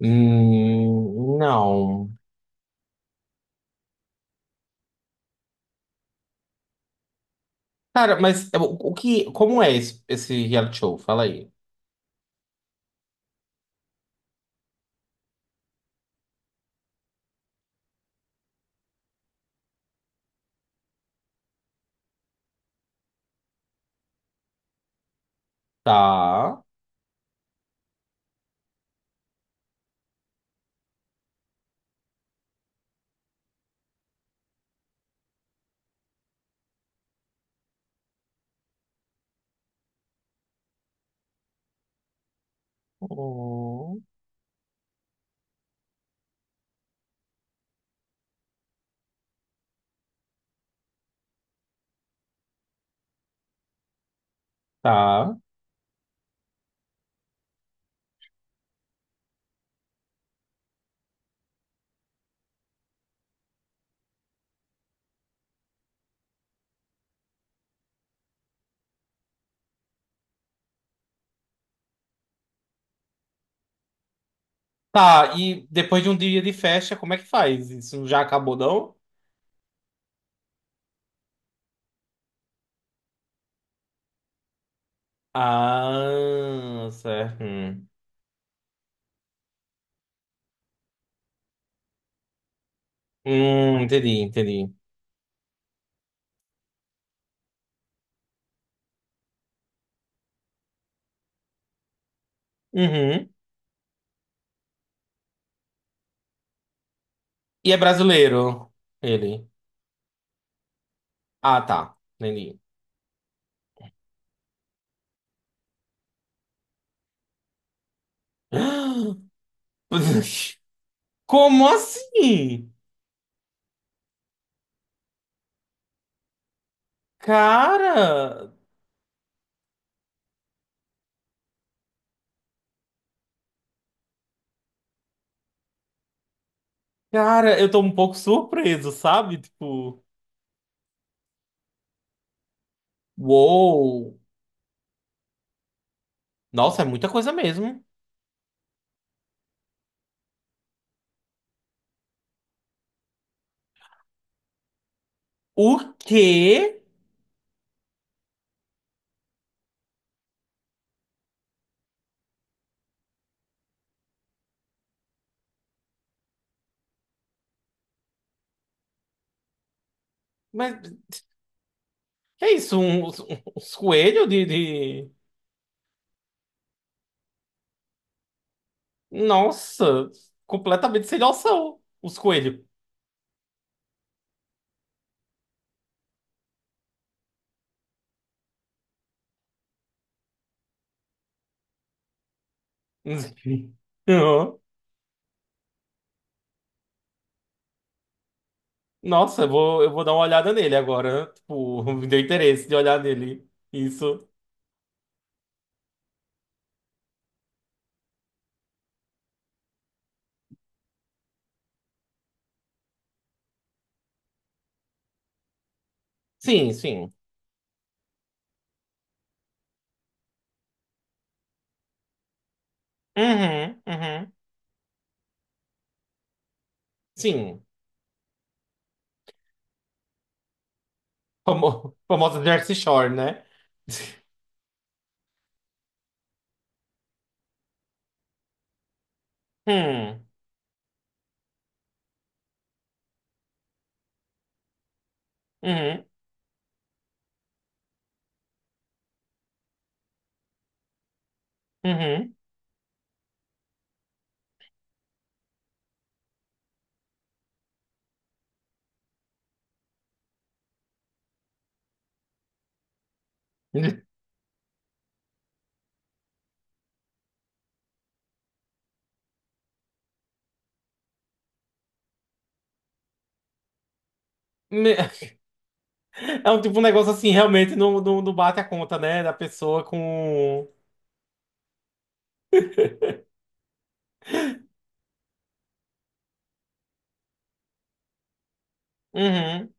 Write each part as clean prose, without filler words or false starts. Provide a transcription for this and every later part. Não. Cara, mas é, o como é esse, reality show? Fala aí. Tá. Hum, tá. Tá, e depois de um dia de festa, como é que faz? Isso já acabou, não? Ah, certo. Hum. Entendi, entendi. Uhum. E é brasileiro, ele. Ah, tá. Entendi. Como assim? Cara. Cara, eu tô um pouco surpreso, sabe? Tipo, uou! Nossa, é muita coisa mesmo. O quê? Mas que é isso? Uns coelhos de, de. Nossa, completamente sem noção. Os coelhos. Uhum. Nossa, eu vou dar uma olhada nele agora. Tipo, me deu interesse de olhar nele. Isso. Sim, sim. Uhum, uhum. Sim. Famosa Jersey Shore, né? Hum, uhum, uhum. Me- É um tipo um negócio assim, realmente não bate a conta, né? Da pessoa com. Uhum.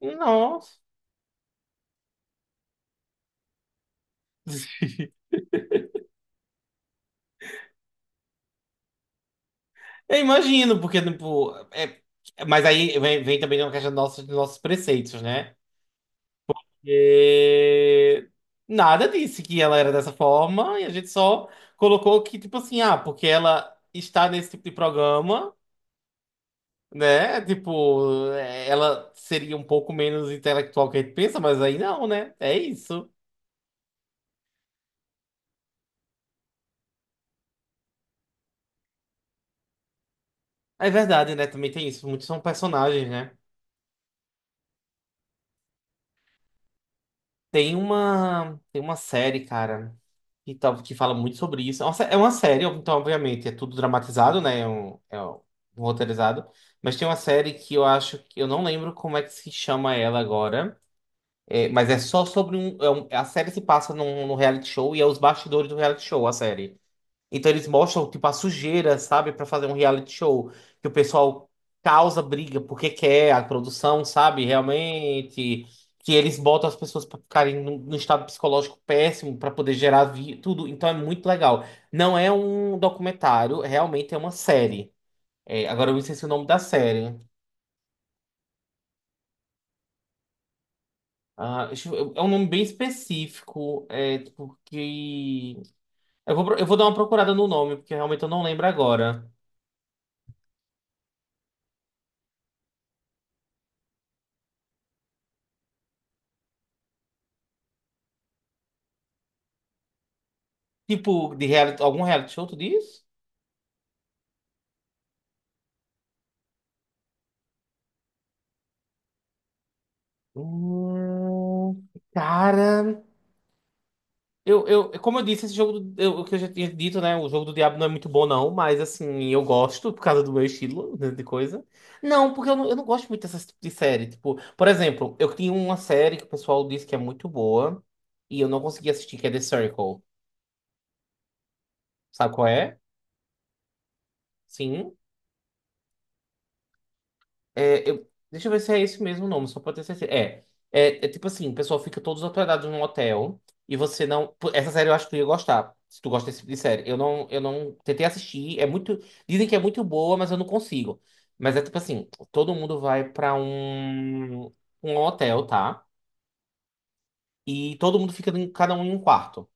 Nossa. Eu imagino, porque, tipo. Mas aí vem, vem também uma questão dos nossos preceitos, né? E... Nada disse que ela era dessa forma, e a gente só colocou que, tipo assim, ah, porque ela está nesse tipo de programa, né? Tipo, é, ela seria um pouco menos intelectual que a gente pensa, mas aí não, né? É isso. É verdade, né? Também tem isso. Muitos são personagens, né? Tem uma série, cara, que, tal, que fala muito sobre isso. É uma série, então, obviamente, é tudo dramatizado, né? É um roteirizado. Mas tem uma série que eu acho que eu não lembro como é que se chama ela agora. É, mas é só sobre um, a série se passa num reality show e é os bastidores do reality show, a série. Então eles mostram, tipo, a sujeira, sabe? Pra fazer um reality show. Que o pessoal causa briga porque quer a produção, sabe? Realmente. Que eles botam as pessoas pra ficarem num estado psicológico péssimo pra poder gerar tudo. Então é muito legal. Não é um documentário, realmente é uma série. É, agora eu esqueci o nome da série. Ah, é um nome bem específico. É, tipo, que. Eu vou dar uma procurada no nome, porque realmente eu não lembro agora. Tipo, de reality, algum reality show, tu diz? Cara, como eu disse, esse jogo, do, eu, o que eu já tinha dito, né? O jogo do Diabo não é muito bom, não, mas assim, eu gosto por causa do meu estilo né, de coisa. Não, porque eu não gosto muito dessas tipo de série. Tipo, por exemplo, eu tinha uma série que o pessoal disse que é muito boa e eu não consegui assistir, que é The Circle. Sabe qual é? Sim. É, eu, deixa eu ver se é esse mesmo nome, só pode ter certeza. É tipo assim, o pessoal fica todos hospedados num hotel e você não. Pô, essa série eu acho que tu ia gostar. Se tu gosta desse tipo de série. Eu não tentei assistir. É muito. Dizem que é muito boa, mas eu não consigo. Mas é tipo assim, todo mundo vai pra um hotel, tá? E todo mundo fica em, cada um em um quarto,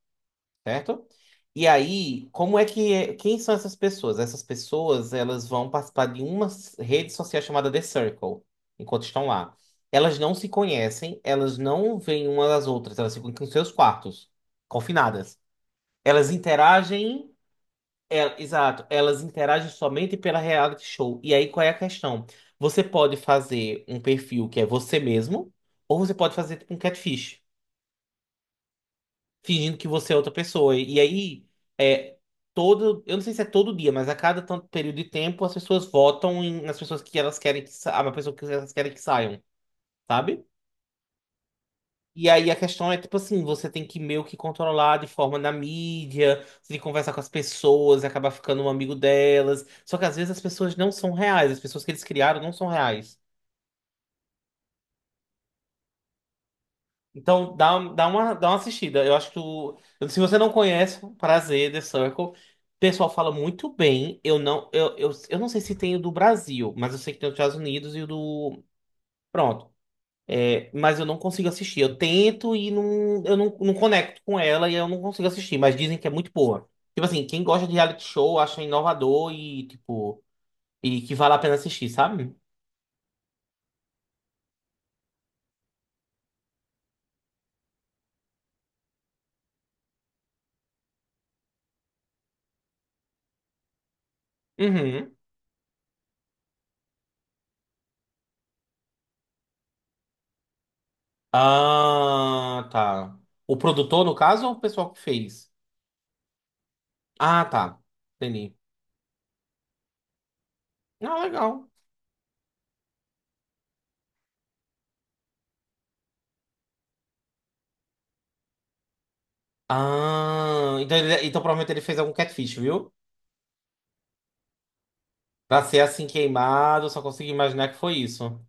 certo? E aí, como é que é- quem são essas pessoas? Essas pessoas, elas vão participar de uma rede social chamada The Circle, enquanto estão lá. Elas não se conhecem, elas não veem uma das outras, elas ficam em seus quartos, confinadas. Elas interagem, elas interagem somente pela reality show. E aí, qual é a questão? Você pode fazer um perfil que é você mesmo, ou você pode fazer tipo, um catfish fingindo que você é outra pessoa. E aí, é, todo, eu não sei se é todo dia, mas a cada tanto período de tempo, as pessoas votam nas pessoas que elas querem que a pessoa que elas querem que saiam, sabe? E aí a questão é, tipo assim, você tem que meio que controlar de forma na mídia, você tem que conversar com as pessoas, acabar ficando um amigo delas. Só que às vezes as pessoas não são reais, as pessoas que eles criaram não são reais. Então, dá uma assistida. Eu acho que tu, se você não conhece, um prazer, The Circle. O pessoal fala muito bem. Eu não sei se tem o do Brasil, mas eu sei que tem o dos Estados Unidos e o do. Pronto. É, mas eu não consigo assistir. Eu tento e não, eu não, não conecto com ela e eu não consigo assistir, mas dizem que é muito boa. Tipo assim, quem gosta de reality show acha inovador e, tipo, e que vale a pena assistir, sabe? Uhum. Ah, tá. O produtor, no caso, ou o pessoal que fez? Ah, tá. Entendi. Ah, legal. Ah, então, então provavelmente ele fez algum catfish, viu? Pra ser assim queimado, eu só consigo imaginar que foi isso.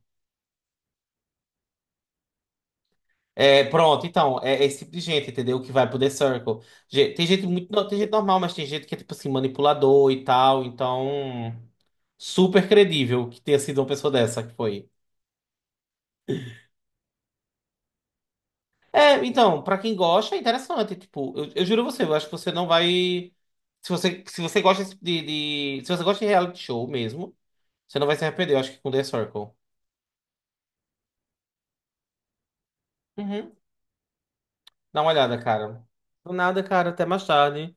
É, pronto, então, é, é esse tipo de gente, entendeu? Que vai pro The Circle. Tem gente muito, tem gente normal, mas tem gente que é, tipo assim, manipulador e tal, então, super credível que tenha sido uma pessoa dessa que foi. É, então, pra quem gosta, é interessante, tipo, eu juro a você, eu acho que você não vai... Se você, se você gosta desse tipo de, se você gosta de reality show mesmo, você não vai se arrepender, eu acho que com The Circle. Uhum. Dá uma olhada, cara. Do nada, cara. Até mais tarde.